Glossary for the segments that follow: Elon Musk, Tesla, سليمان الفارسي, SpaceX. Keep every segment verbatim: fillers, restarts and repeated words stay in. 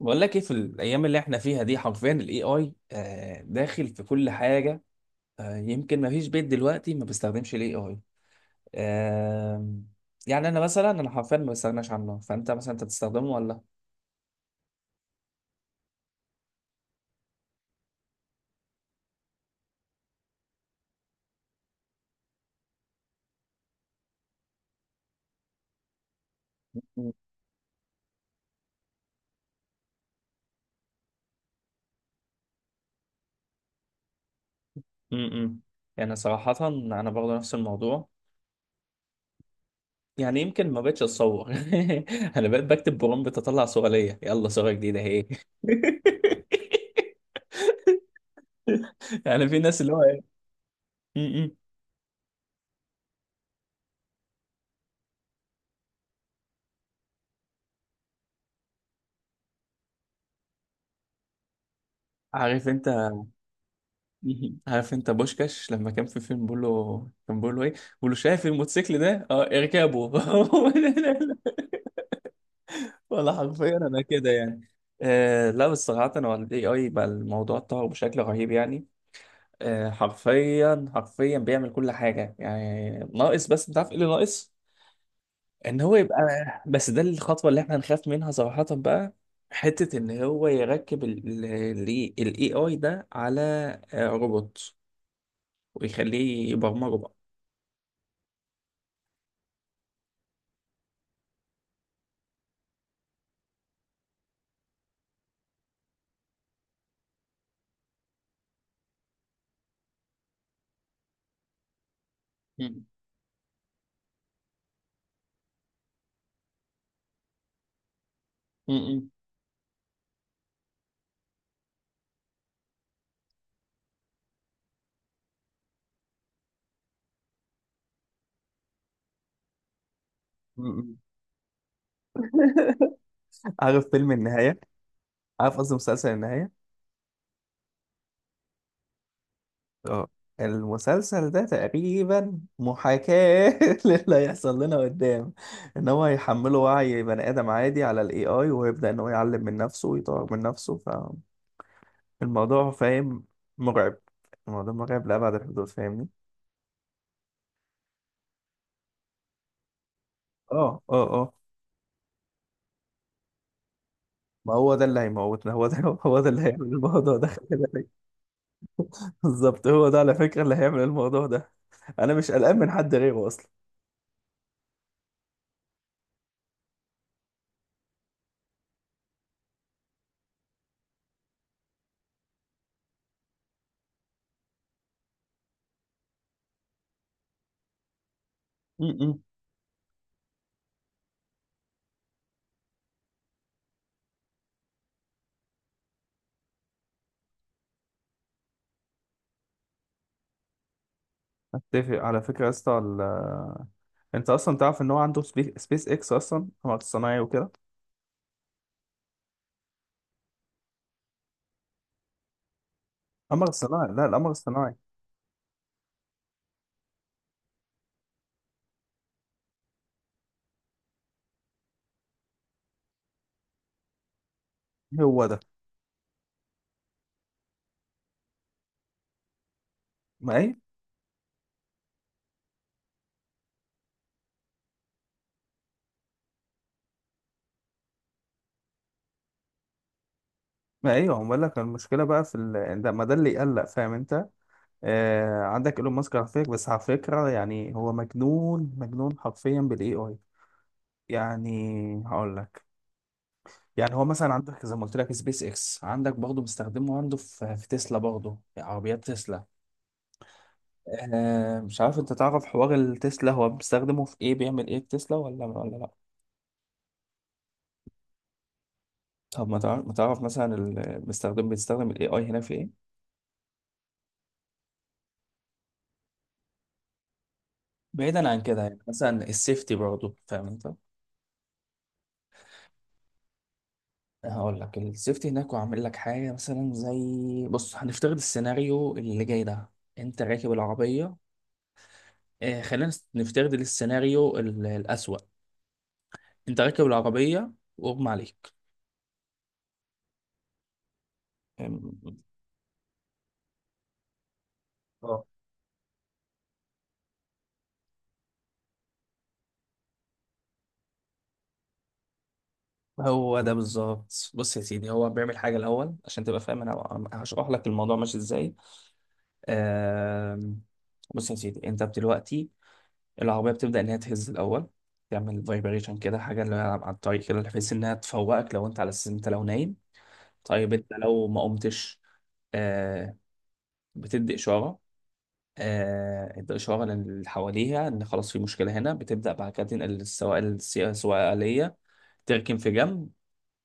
بقول لك ايه في الايام اللي احنا فيها دي حرفيا الاي اي داخل في كل حاجه. آه، يمكن ما فيش بيت دلوقتي ما بيستخدمش الاي اي. يعني انا مثلا انا حرفيا ما بستغناش عنه، فانت مثلا انت بتستخدمه ولا؟ م- م- يعني صراحه انا برضه نفس الموضوع. يعني يمكن ما بقتش اتصور انا بقيت بكتب برومبت اطلع صوره ليا، يلا صوره جديده اهي يعني في ناس اللي هو ايه. م- م. عارف انت. مهم. عارف انت بوشكاش لما كان في فيلم بيقول له، كان بيقول له ايه، بيقول له شايف الموتوسيكل ده، اه اركبه ولا حرفيا انا كده يعني. آه، لا بس صراحة هو الاي اي بقى الموضوع اتطور بشكل رهيب يعني. آه حرفيا حرفيا بيعمل كل حاجة، يعني ناقص، بس انت عارف ايه اللي ناقص؟ ان هو يبقى، بس ده الخطوة اللي احنا نخاف منها صراحة بقى. حتة ان هو يركب الاي اي ده على آه، روبوت ويخليه يبرمجه بقى. م- م- م. عارف فيلم النهاية؟ عارف قصدي مسلسل النهاية؟ اه، المسلسل ده تقريبا محاكاة للي هيحصل لنا قدام. ان هو هيحمله وعي بني ادم عادي على الاي اي، ويبدأ ان هو يعلم من نفسه ويطور من نفسه. فالموضوع فاهم مرعب، الموضوع مرعب لأبعد الحدود، فاهمني؟ اه اه اه. ما هو ده اللي هيموتنا، هو ده، هو ده اللي هيعمل الموضوع ده خلي بالك. بالظبط، هو ده على فكرة اللي هيعمل الموضوع ده، انا مش قلقان من حد غيره. اصلا اتفق على فكرة يا اسطى، ال- انت اصلا تعرف ان هو عنده سبي- سبيس اكس اصلا قمر صناعي وكده. قمر صناعي، لا القمر الصناعي. إيه هو ده؟ ما ايه. ما ايوه هو بقول لك المشكله بقى في ال... ده، ما ده اللي يقلق، فاهم انت؟ آه... عندك ايلون ماسك على فكره، بس على فكره يعني هو مجنون، مجنون حرفيا بالاي اي يعني. هقول لك، يعني هو مثلا عندك زي ما قلت لك سبيس اكس، عندك برضه مستخدمه عنده في, في تسلا برضه عربيات تسلا. آه مش عارف انت تعرف حوار التسلا، هو بيستخدمه في ايه بيعمل ايه في تسلا، ولا ولا لا؟ طب ما تعرف, ما تعرف مثلا المستخدم بيستخدم الاي اي هنا في ايه. بعيدا عن كده يعني مثلا السيفتي برضه فاهم انت. هقول لك، السيفتي هناك وعامل لك حاجه مثلا زي بص، هنفترض السيناريو اللي جاي ده. انت راكب العربيه. آه خلينا نس- نفترض السيناريو ال- الاسوأ. انت راكب العربيه واغمى عليك. آم، اه هو ده بالظبط، بص يا سيدي هو بيعمل حاجة الأول عشان تبقى فاهم، أنا هشرح لك الموضوع ماشي إزاي. آم، بص يا سيدي أنت دلوقتي العربية بتبدأ إن هي تهز الأول، تعمل فايبريشن كده حاجة اللي هي على الطريق كده، بحيث إنها تفوقك لو أنت على أساس أنت لو نايم. طيب أنت لو ما قمتش، آه، بتدي إشارة. آه، ادي إشارة للي حواليها إن خلاص في مشكلة هنا، بتبدأ بعد كده تنقل السواق، السواقية، تركن في جنب.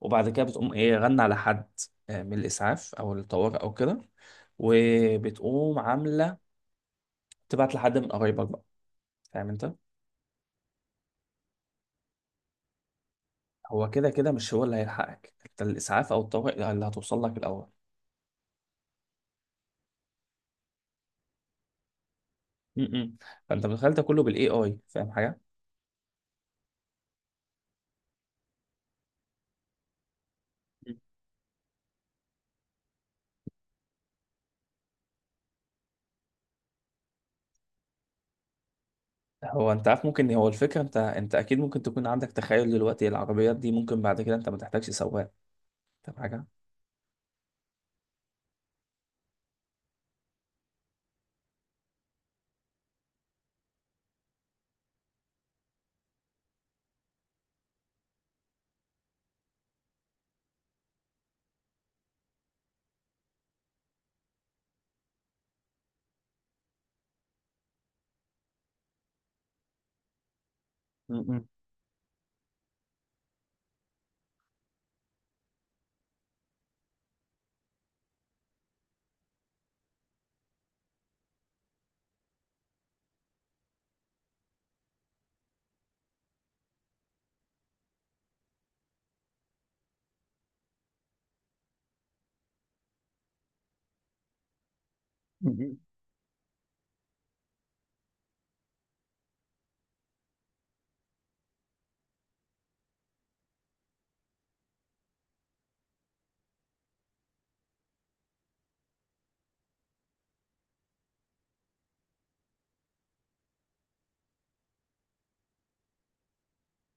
وبعد كده بتقوم ايه غنى على حد، آه، من الاسعاف او الطوارئ او كده. وبتقوم عامله تبعت لحد من قرايبك بقى، فاهم انت؟ هو كده كده مش هو اللي هيلحقك انت، الاسعاف او الطوارئ اللي هتوصل لك الاول. م- م. فانت متخيل ده كله بالاي اي، فاهم حاجه؟ م. هو انت عارف ممكن هو الفكره، انت انت اكيد ممكن تكون عندك تخيل دلوقتي العربيات دي ممكن بعد كده انت ما تحتاجش سواق. فاهم حاجه؟ م- م- م- م.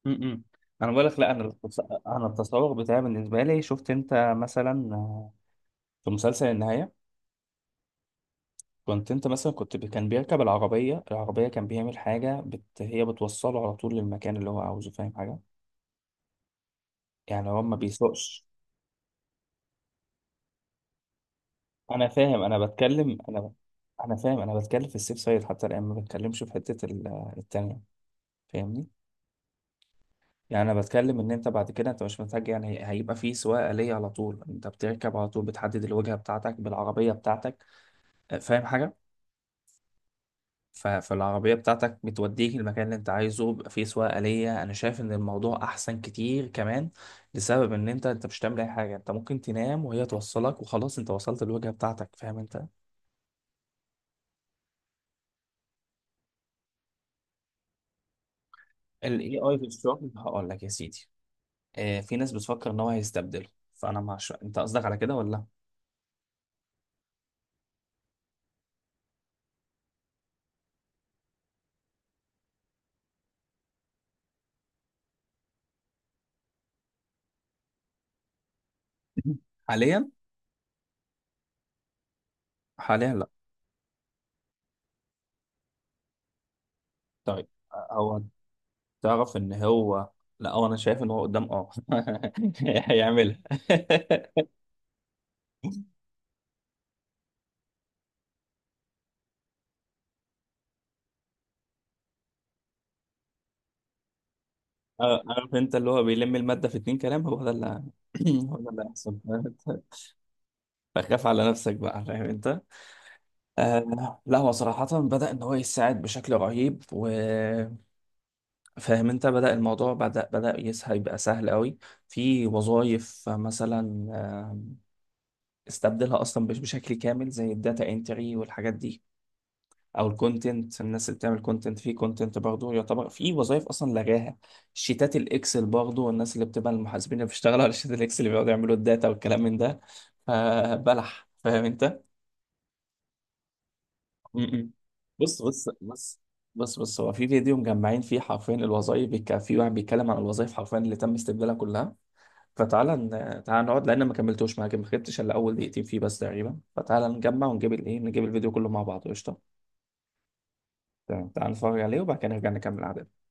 م- م. انا بقول لك لا، انا التص- انا التصور بتاعي بالنسبه لي، شفت انت مثلا في مسلسل النهاية؟ كنت انت مثلا كنت ب- كان بيركب العربية، العربية كان بيعمل حاجة بت... هي بتوصله على طول للمكان اللي هو عاوزه، فاهم حاجة؟ يعني هو ما بيسوقش. انا فاهم انا بتكلم انا ب... انا فاهم انا بتكلم في السيف سايد حتى الان، ما بتكلمش في حتة ال- التانية، فاهمني؟ يعني انا بتكلم ان انت بعد كده انت مش محتاج يعني هي- هيبقى في سواقة آلية على طول، انت بتركب على طول، بتحدد الوجهة بتاعتك بالعربية بتاعتك، فاهم حاجة؟ ف- فالعربية بتاعتك بتوديك المكان اللي انت عايزه، بيبقى فيه سواقة آلية، انا شايف ان الموضوع احسن كتير كمان. لسبب ان انت انت مش هتعمل اي حاجة، انت ممكن تنام وهي توصلك وخلاص انت وصلت الوجهة بتاعتك، فاهم انت؟ ال إيه آي في الشغل هقول لك يا سيدي. اه في ناس بتفكر ان هو هيستبدله، فانا مع شو... انت قصدك على كده ولا؟ حاليا، حاليا لا. طيب هو تعرف ان هو، لا هو انا شايف ان هو قدام اه هيعملها. آه، عارف انت اللي هو بيلم المادة في اتنين كلام، هو ده اللي هو ده اللي هيحصل. فخاف على نفسك بقى، فاهم انت. آه لا هو صراحة بدأ ان هو يساعد بشكل رهيب، وفاهم انت بدأ الموضوع، بدأ بدأ يسهل يبقى سهل قوي. في وظائف مثلا آه، استبدلها اصلا مش بشكل كامل زي الداتا انتري والحاجات دي. او الكونتنت، الناس اللي بتعمل كونتنت في كونتنت برضه، يعتبر في وظائف اصلا لغاها. شيتات الاكسل برضه، والناس اللي بتبقى المحاسبين اللي بيشتغلوا على شيتات الاكسل اللي بيقعدوا يعملوا الداتا والكلام من ده، فبلح فاهم انت. م- م. بص بص بص، بص بص هو في فيديو مجمعين فيه حرفيا الوظائف بيك... في واحد بيتكلم عن الوظائف حرفيا اللي تم استبدالها كلها. فتعالى ن... تعالى نقعد لان ما كملتوش معاك ما خدتش الا اول دقيقتين فيه بس تقريبا، فتعالى نجمع ونجيب الايه نجيب الفيديو كله مع بعض قشطه. تمام تعالى نتفرج عليه وبعد كده نرجع نكمل قعدتنا.